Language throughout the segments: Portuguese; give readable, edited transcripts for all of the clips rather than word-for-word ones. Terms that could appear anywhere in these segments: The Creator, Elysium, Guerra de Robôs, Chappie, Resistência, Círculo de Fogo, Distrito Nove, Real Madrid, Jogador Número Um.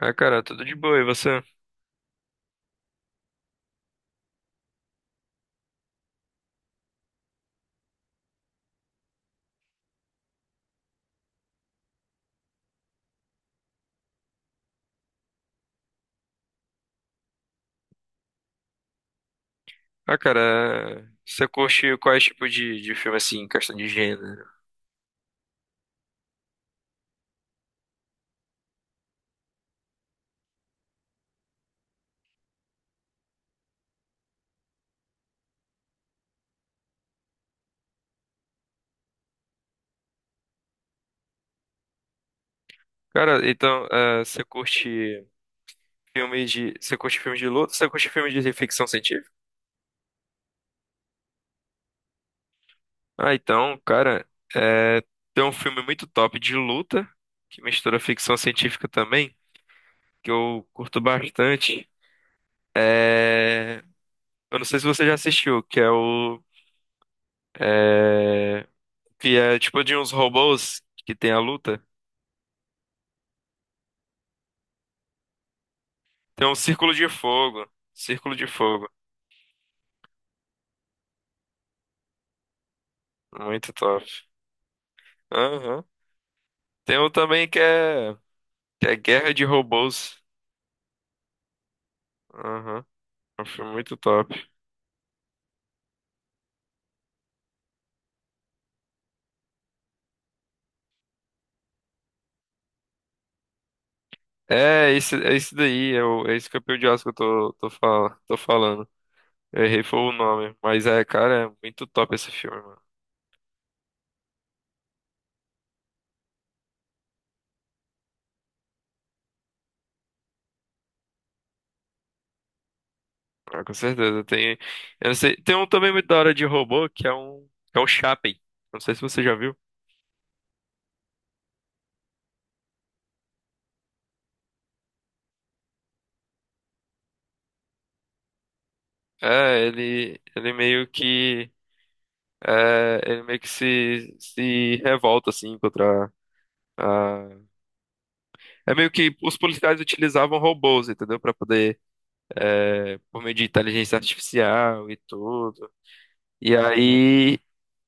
Ah, cara, tudo de boa, e você? Ah, cara, você curte quais tipos de filme, assim, em questão de gênero? Cara, então, Você curte filme de luta? Você curte filme de ficção científica? Ah, então, cara, eh, tem um filme muito top de luta, que mistura ficção científica também, que eu curto bastante. É... Eu não sei se você já assistiu, eh, que é tipo de uns robôs que tem a luta. Tem um Círculo de Fogo. Círculo de Fogo. Muito top. Aham. Tem um também que é Guerra de Robôs. Aham. É um filme muito top. É esse daí, é esse campeão de Oscar que eu tô falando. Eu errei foi o nome. Mas é, cara, é muito top esse filme, mano. Ah, com certeza. Tem, eu não sei, tem um também muito da hora de robô, que é um, que é o Chappie. Não sei se você já viu. É, ele meio que. É, ele meio que se revolta, assim, contra a... É meio que os policiais utilizavam robôs, entendeu? Pra poder, por meio de inteligência artificial e tudo. E aí,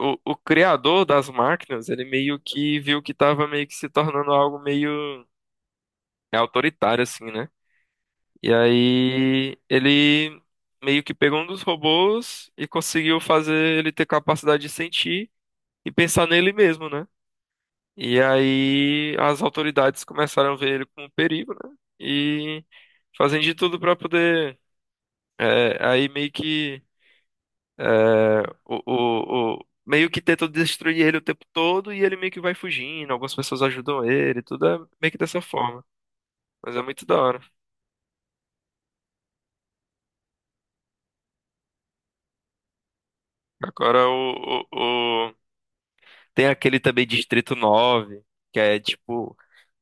o criador das máquinas, ele meio que viu que tava meio que se tornando algo meio autoritário, assim, né? E aí, ele meio que pegou um dos robôs e conseguiu fazer ele ter capacidade de sentir e pensar nele mesmo, né? E aí as autoridades começaram a ver ele como um perigo, né? E fazem de tudo para poder, aí meio que é, meio que tentam destruir ele o tempo todo e ele meio que vai fugindo. Algumas pessoas ajudam ele, tudo é meio que dessa forma. Mas é muito da hora. Agora tem aquele também Distrito Nove, que é tipo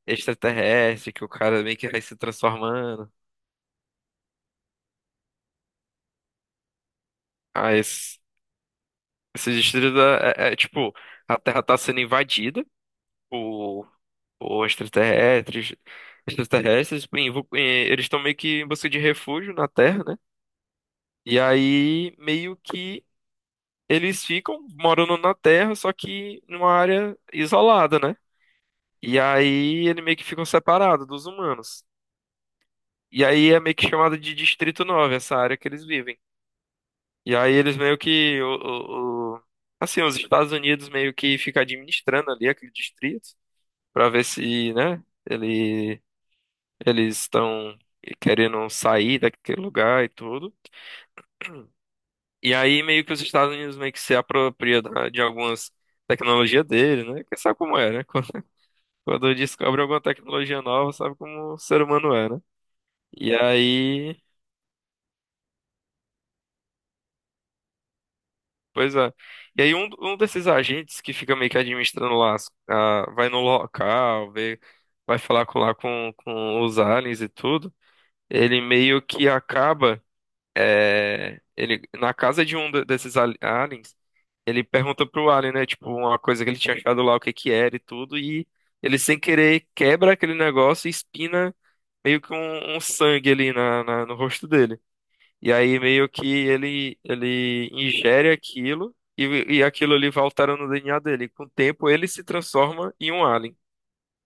extraterrestre, que o cara meio que vai se transformando. Ah, esse. Esse distrito é, tipo, a Terra tá sendo invadida por, por extraterrestres, e eles estão meio que em busca de refúgio na Terra, né? E aí, meio que eles ficam morando na Terra, só que numa área isolada, né? E aí, ele meio que ficam separados dos humanos. E aí, é meio que chamado de Distrito Nove, essa área que eles vivem. E aí, eles meio que... o- o- assim, os Estados Unidos meio que fica administrando ali aquele distrito, para ver se, né, ele, eles estão querendo sair daquele lugar e tudo. E aí meio que os Estados Unidos meio que se apropria de algumas tecnologias dele, né? Porque sabe como é, né? Quando, quando descobre alguma tecnologia nova, sabe como o ser humano é, né? E aí, pois é. E aí um desses agentes que fica meio que administrando lá, vai no local, vê, vai falar com, lá com os aliens e tudo, ele meio que acaba. É, ele, na casa de um desses aliens, ele pergunta pro alien, né? Tipo, uma coisa que ele tinha achado lá, o que que era e tudo, e ele sem querer quebra aquele negócio e espina meio que um sangue ali no rosto dele. E aí meio que ele ingere aquilo e aquilo ali vai alterando no DNA dele. Com o tempo ele se transforma em um alien,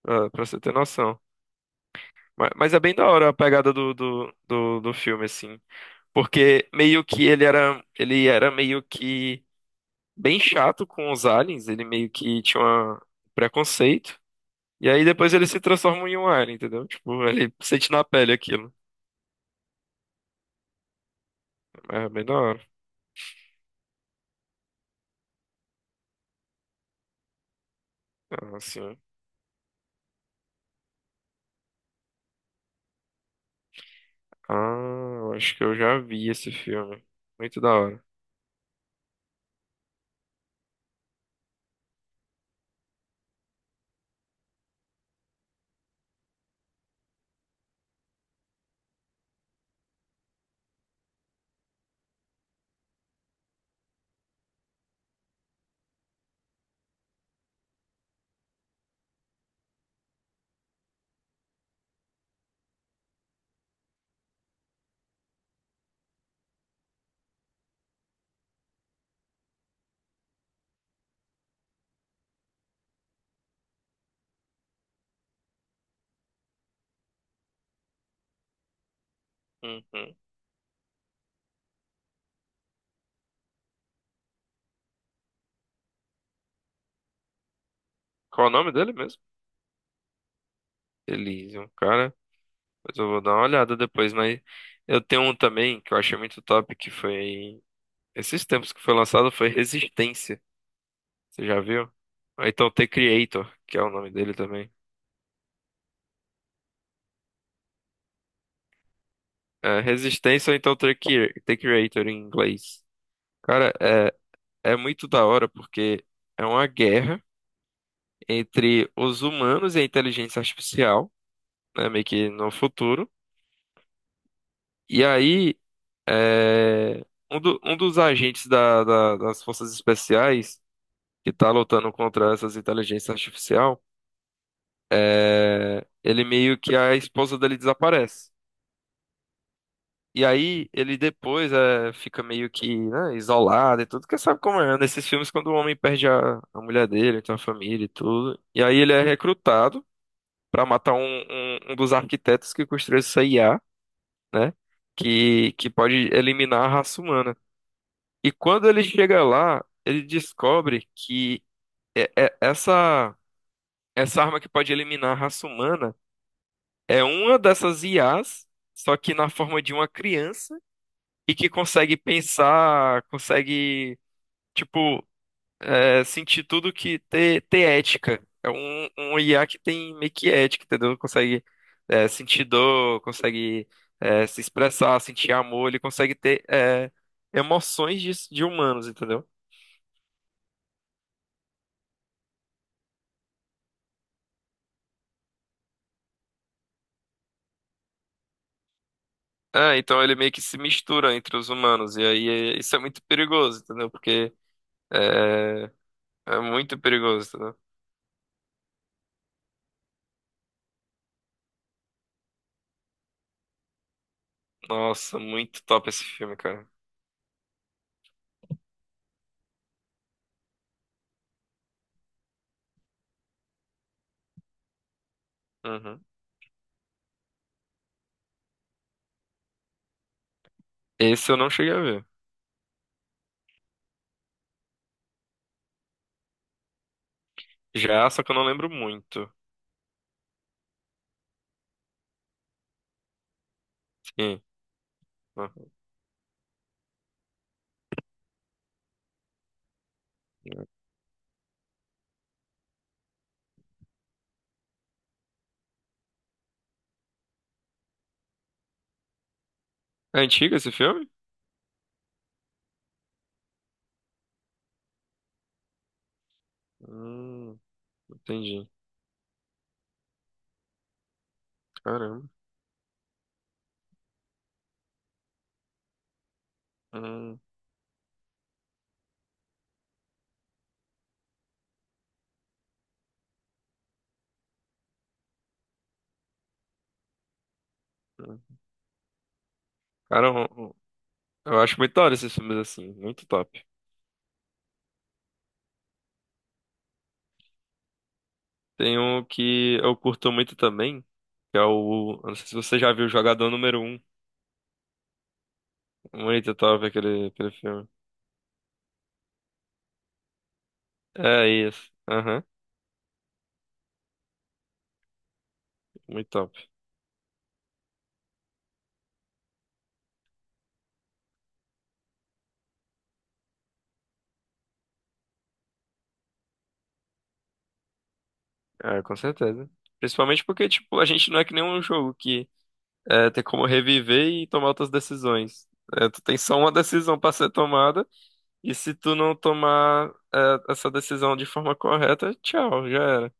ah, pra você ter noção. Mas é bem da hora a pegada do filme, assim. Porque meio que ele era meio que bem chato com os aliens, ele meio que tinha um preconceito. E aí depois ele se transforma em um alien, entendeu? Tipo, ele sente na pele aquilo. É bem da hora. Ah, sim. Ah, eu acho que eu já vi esse filme. Muito da hora. Uhum. Qual o nome dele mesmo? Elysium, cara. Mas eu vou dar uma olhada depois, mas eu tenho um também que eu achei muito top, que foi esses tempos que foi lançado, foi Resistência. Você já viu? Ou então The Creator, que é o nome dele também. É, Resistência ou então The Creator em inglês. Cara, é muito da hora porque é uma guerra entre os humanos e a inteligência artificial, né, meio que no futuro. E aí, é, um dos agentes das forças especiais que tá lutando contra essas inteligências artificial, ele meio que a esposa dele desaparece. E aí ele depois, fica meio que, né, isolado e tudo, porque sabe como é, nesses filmes quando o homem perde a mulher dele, tem uma família e tudo. E aí ele é recrutado pra matar um dos arquitetos que construiu essa IA, né, que pode eliminar a raça humana. E quando ele chega lá, ele descobre que é- é- essa, essa arma que pode eliminar a raça humana é uma dessas IAs, só que na forma de uma criança e que consegue pensar, consegue, tipo, sentir tudo que ter, ética. É um IA que tem meio que ética, entendeu? Consegue, sentir dor, consegue, se expressar, sentir amor, ele consegue ter, emoções de humanos, entendeu? É, então ele meio que se mistura entre os humanos, e aí isso é muito perigoso, entendeu? Porque é, é muito perigoso, entendeu? Nossa, muito top esse filme, cara. Uhum. Esse eu não cheguei a ver. Já, só que eu não lembro muito. Sim. Ó. É antigo esse filme? Hum, entendi. Caramba. Hum, hum. Cara, eu acho muito da hora esses filmes assim, muito top. Tem um que eu curto muito também. Que é o. Eu não sei se você já viu o Jogador Número Um. Muito top aquele filme. É isso. Aham, muito top. É, com certeza. Principalmente porque, tipo, a gente não é que nem um jogo que, tem como reviver e tomar outras decisões. É, tu tem só uma decisão pra ser tomada. E se tu não tomar, essa decisão de forma correta, tchau, já era.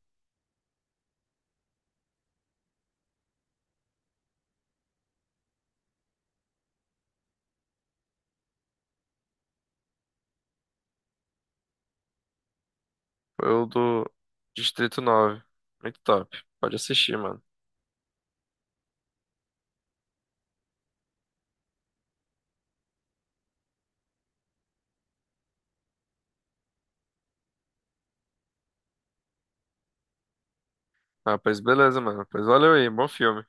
Eu do Distrito Nove. Muito top. Pode assistir, mano. Ah, pois beleza, mano. Pois valeu aí, bom filme.